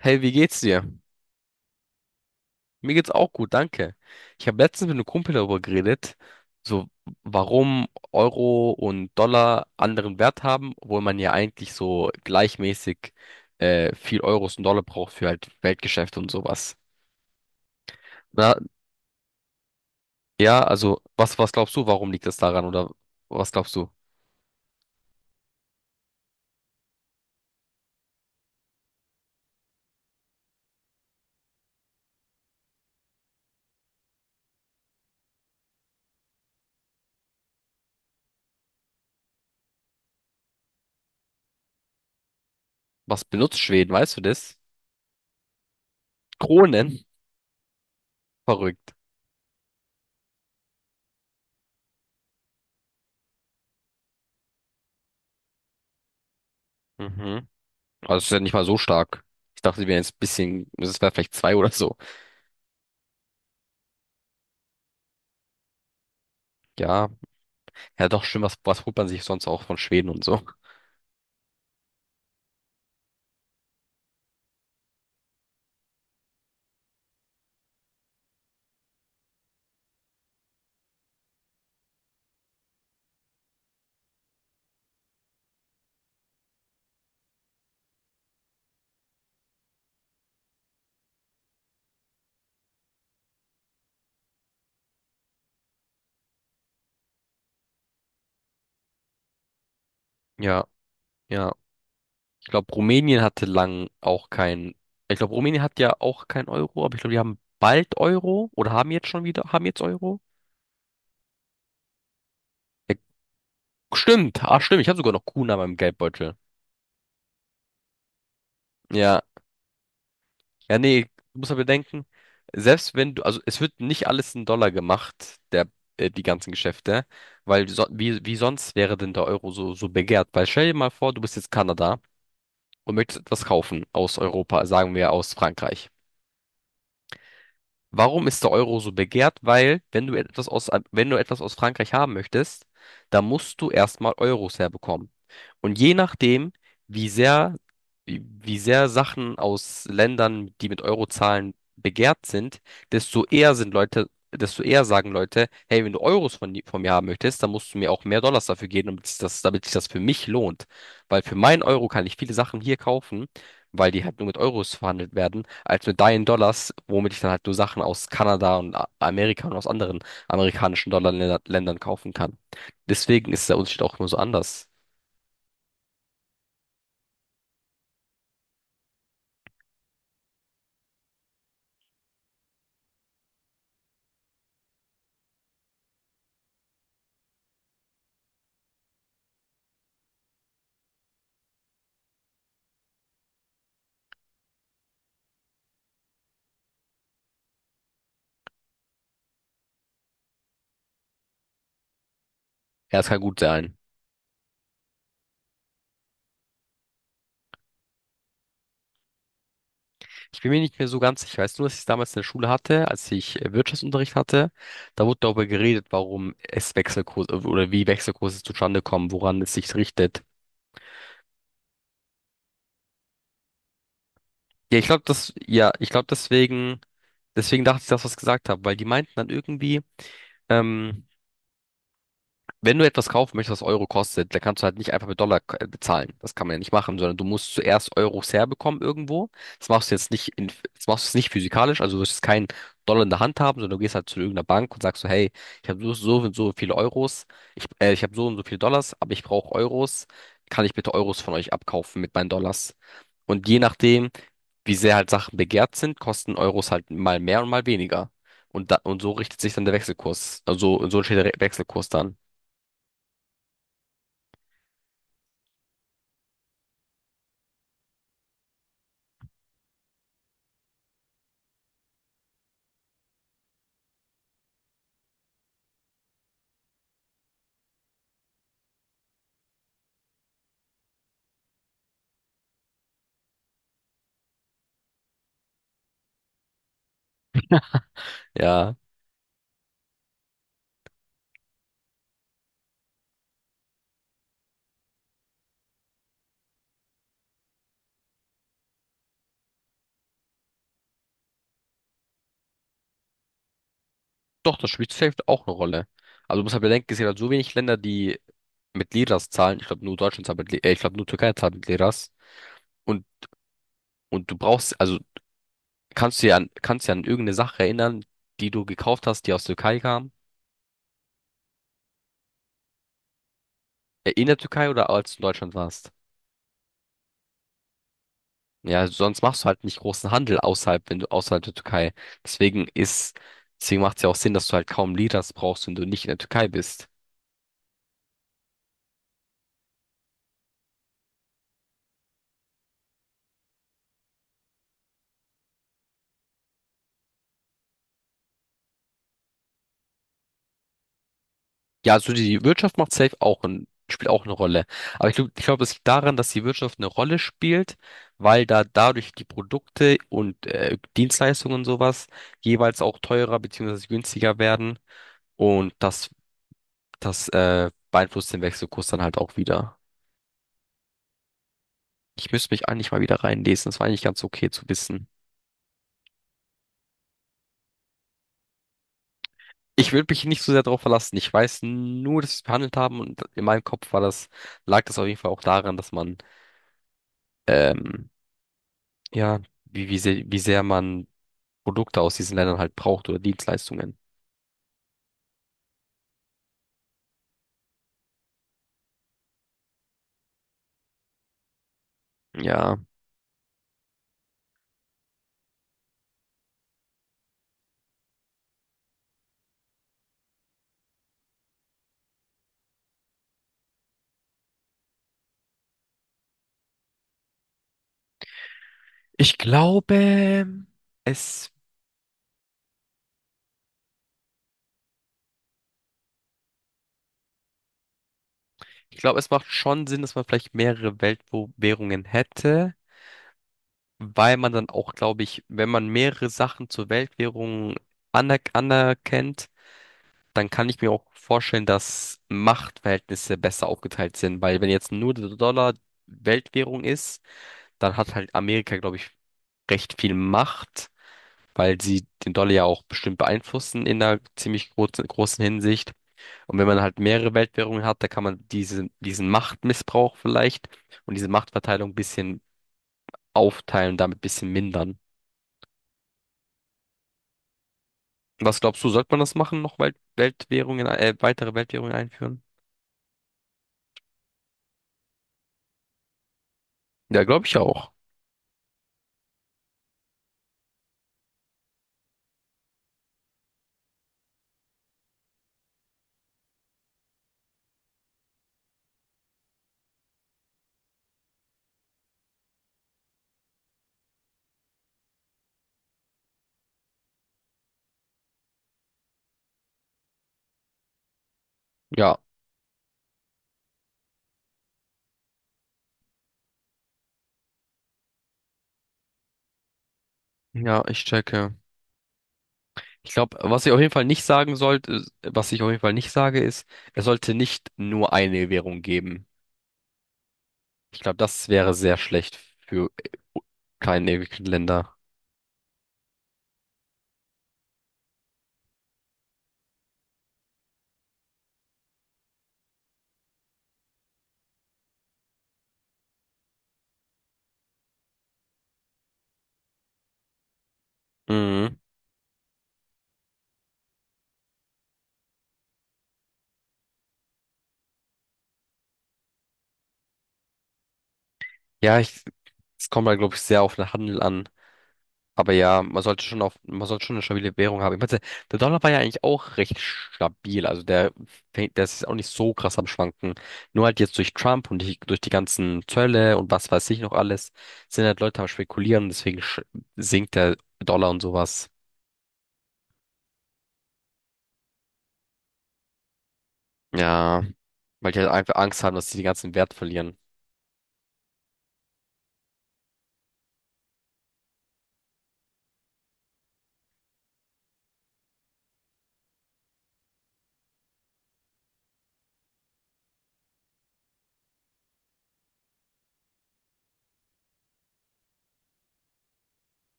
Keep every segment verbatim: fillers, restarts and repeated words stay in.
Hey, wie geht's dir? Mir geht's auch gut, danke. Ich habe letztens mit einem Kumpel darüber geredet, so warum Euro und Dollar anderen Wert haben, obwohl man ja eigentlich so gleichmäßig äh, viel Euros und Dollar braucht für halt Weltgeschäfte und sowas. Na, ja, also was, was glaubst du, warum liegt das daran oder was glaubst du? Was benutzt Schweden, weißt du das? Kronen? Verrückt. Mhm. Also es ist ja nicht mal so stark. Ich dachte, wir wären jetzt ein bisschen, es wäre vielleicht zwei oder so. Ja. Ja, doch, stimmt, was, was holt man sich sonst auch von Schweden und so? Ja, ja. Ich glaube, Rumänien hatte lang auch kein. Ich glaube, Rumänien hat ja auch kein Euro, aber ich glaube, die haben bald Euro oder haben jetzt schon wieder, haben jetzt Euro? Ja, stimmt, ah, stimmt, ich habe sogar noch Kuna in meinem Geldbeutel. Ja, ja, nee, du musst ja bedenken, selbst wenn du, also es wird nicht alles in Dollar gemacht, der, äh, die ganzen Geschäfte, weil so, wie, wie sonst wäre denn der Euro so, so begehrt? Weil stell dir mal vor, du bist jetzt Kanada und möchtest etwas kaufen aus Europa, sagen wir aus Frankreich. Warum ist der Euro so begehrt? Weil, wenn du etwas aus, wenn du etwas aus Frankreich haben möchtest, dann musst du erstmal Euros herbekommen. Und je nachdem, wie sehr, wie, wie sehr Sachen aus Ländern, die mit Euro zahlen, begehrt sind, desto eher sind Leute, desto eher sagen Leute, hey, wenn du Euros von, von mir haben möchtest, dann musst du mir auch mehr Dollars dafür geben, damit sich das, damit sich das für mich lohnt. Weil für meinen Euro kann ich viele Sachen hier kaufen, weil die halt nur mit Euros verhandelt werden als mit deinen Dollars, womit ich dann halt nur Sachen aus Kanada und A- Amerika und aus anderen amerikanischen Dollarländern kaufen kann. Deswegen ist der Unterschied auch nur so anders. Ja, es kann gut sein. Ich bin mir nicht mehr so ganz sicher. Ich weiß nur, dass ich es damals in der Schule hatte, als ich äh, Wirtschaftsunterricht hatte. Da wurde darüber geredet, warum es Wechselkurse oder wie Wechselkurse zustande kommen, woran es sich richtet. Ja, ich glaube, das, ja, ich glaube deswegen, deswegen dachte ich, dass ich das gesagt habe, weil die meinten dann irgendwie, ähm, wenn du etwas kaufen möchtest, was Euro kostet, dann kannst du halt nicht einfach mit Dollar k- äh, bezahlen. Das kann man ja nicht machen, sondern du musst zuerst Euros herbekommen irgendwo. Das machst du jetzt nicht in, das machst du jetzt nicht physikalisch, also du wirst jetzt keinen Dollar in der Hand haben, sondern du gehst halt zu irgendeiner Bank und sagst so, hey, ich habe so, so und so viele Euros, ich, äh, ich habe so und so viele Dollars, aber ich brauche Euros. Kann ich bitte Euros von euch abkaufen mit meinen Dollars? Und je nachdem, wie sehr halt Sachen begehrt sind, kosten Euros halt mal mehr und mal weniger. Und, da, und so richtet sich dann der Wechselkurs. Also so entsteht der Re- Wechselkurs dann. Ja, doch, das spielt safe auch eine Rolle. Also du musst halt bedenken, es gibt halt so wenig Länder, die mit Liras zahlen. Ich glaube, nur Deutschland zahlt mit, Li- äh, ich glaube, nur Türkei zahlt mit Liras. Und, und du brauchst, also kannst du ja an, kannst du ja an irgendeine Sache erinnern, die du gekauft hast, die aus Türkei kam. Äh, in der Türkei oder als du in Deutschland warst. Ja, sonst machst du halt nicht großen Handel außerhalb, wenn du außerhalb der Türkei. Deswegen ist, deswegen macht es ja auch Sinn, dass du halt kaum Liras brauchst, wenn du nicht in der Türkei bist. Ja, also die Wirtschaft macht safe auch ein, spielt auch eine Rolle. Aber ich glaube, ich glaub, das liegt daran, dass die Wirtschaft eine Rolle spielt, weil da dadurch die Produkte und äh, Dienstleistungen und sowas jeweils auch teurer beziehungsweise günstiger werden. Und das, das äh, beeinflusst den Wechselkurs dann halt auch wieder. Ich müsste mich eigentlich mal wieder reinlesen. Das war eigentlich ganz okay zu wissen. Ich würde mich nicht so sehr darauf verlassen. Ich weiß nur, dass wir es behandelt haben und in meinem Kopf war das, lag das auf jeden Fall auch daran, dass man ähm, ja, wie, wie, sehr wie sehr man Produkte aus diesen Ländern halt braucht oder Dienstleistungen. Ja, ich glaube, es, ich glaube, es macht schon Sinn, dass man vielleicht mehrere Weltwährungen hätte, weil man dann auch, glaube ich, wenn man mehrere Sachen zur Weltwährung aner anerkennt, dann kann ich mir auch vorstellen, dass Machtverhältnisse besser aufgeteilt sind, weil wenn jetzt nur der Dollar Weltwährung ist, dann hat halt Amerika, glaube ich, recht viel Macht, weil sie den Dollar ja auch bestimmt beeinflussen in einer ziemlich großen, großen Hinsicht. Und wenn man halt mehrere Weltwährungen hat, da kann man diese, diesen Machtmissbrauch vielleicht und diese Machtverteilung ein bisschen aufteilen, damit ein bisschen mindern. Was glaubst du, sollte man das machen, noch Welt, Weltwährungen, äh, weitere Weltwährungen einführen? Ja, glaube ich auch. Ja, ja, ich checke. Ich glaube, was ich auf jeden Fall nicht sagen sollte, was ich auf jeden Fall nicht sage, ist, es sollte nicht nur eine Währung geben. Ich glaube, das wäre sehr schlecht für kleine Länder. Mhm. Ja, ich, es kommt halt, glaube ich, sehr auf den Handel an. Aber ja, man sollte schon auf, man sollte schon eine stabile Währung haben. Ich meine, der Dollar war ja eigentlich auch recht stabil. Also der, fängt- der ist jetzt auch nicht so krass am Schwanken. Nur halt jetzt durch Trump und die, durch die ganzen Zölle und was weiß ich noch alles, sind halt Leute am Spekulieren. Deswegen sch- sinkt der Dollar und sowas. Ja, weil die halt einfach Angst haben, dass sie den ganzen Wert verlieren.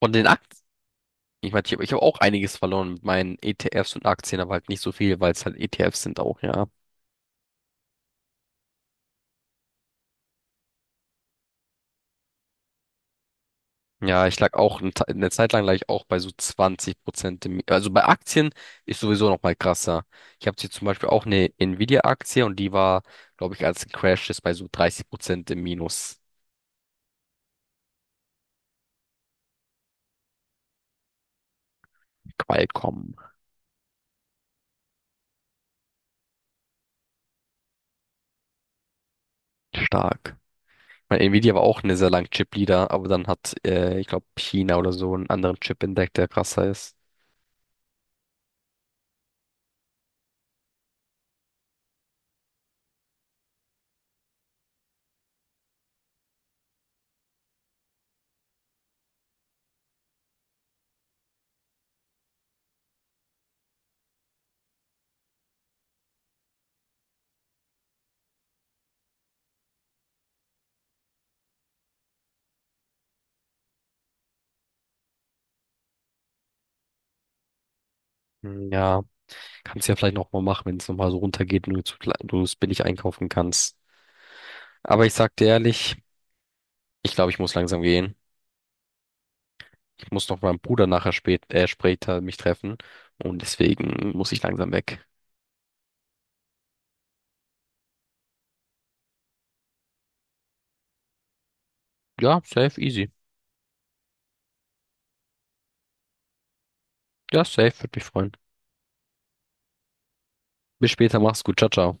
Von den Aktien. Ich meine, ich habe ich hab auch einiges verloren mit meinen E T Fs und Aktien, aber halt nicht so viel, weil es halt E T Fs sind auch, ja. Ja, ich lag auch eine Te- eine Zeit lang lag ich auch bei so zwanzig Prozent. Im, Also bei Aktien ist sowieso noch mal krasser. Ich habe hier zum Beispiel auch eine Nvidia-Aktie und die war, glaube ich, als Crash ist bei so dreißig Prozent im Minus. Qualcomm stark. Mein Nvidia war auch eine sehr lange Chip-Leader, aber dann hat, äh, ich glaube, China oder so einen anderen Chip entdeckt, der krasser ist. Ja. Kannst ja vielleicht noch mal machen, wenn es noch mal so runtergeht und du zu kle- du es billig einkaufen kannst. Aber ich sag dir ehrlich, ich glaube, ich muss langsam gehen. Ich muss noch mit meinem Bruder nachher spät, äh, später mich treffen und deswegen muss ich langsam weg. Ja, safe, easy. Ja, safe, würde mich freuen. Bis später, mach's gut, ciao, ciao.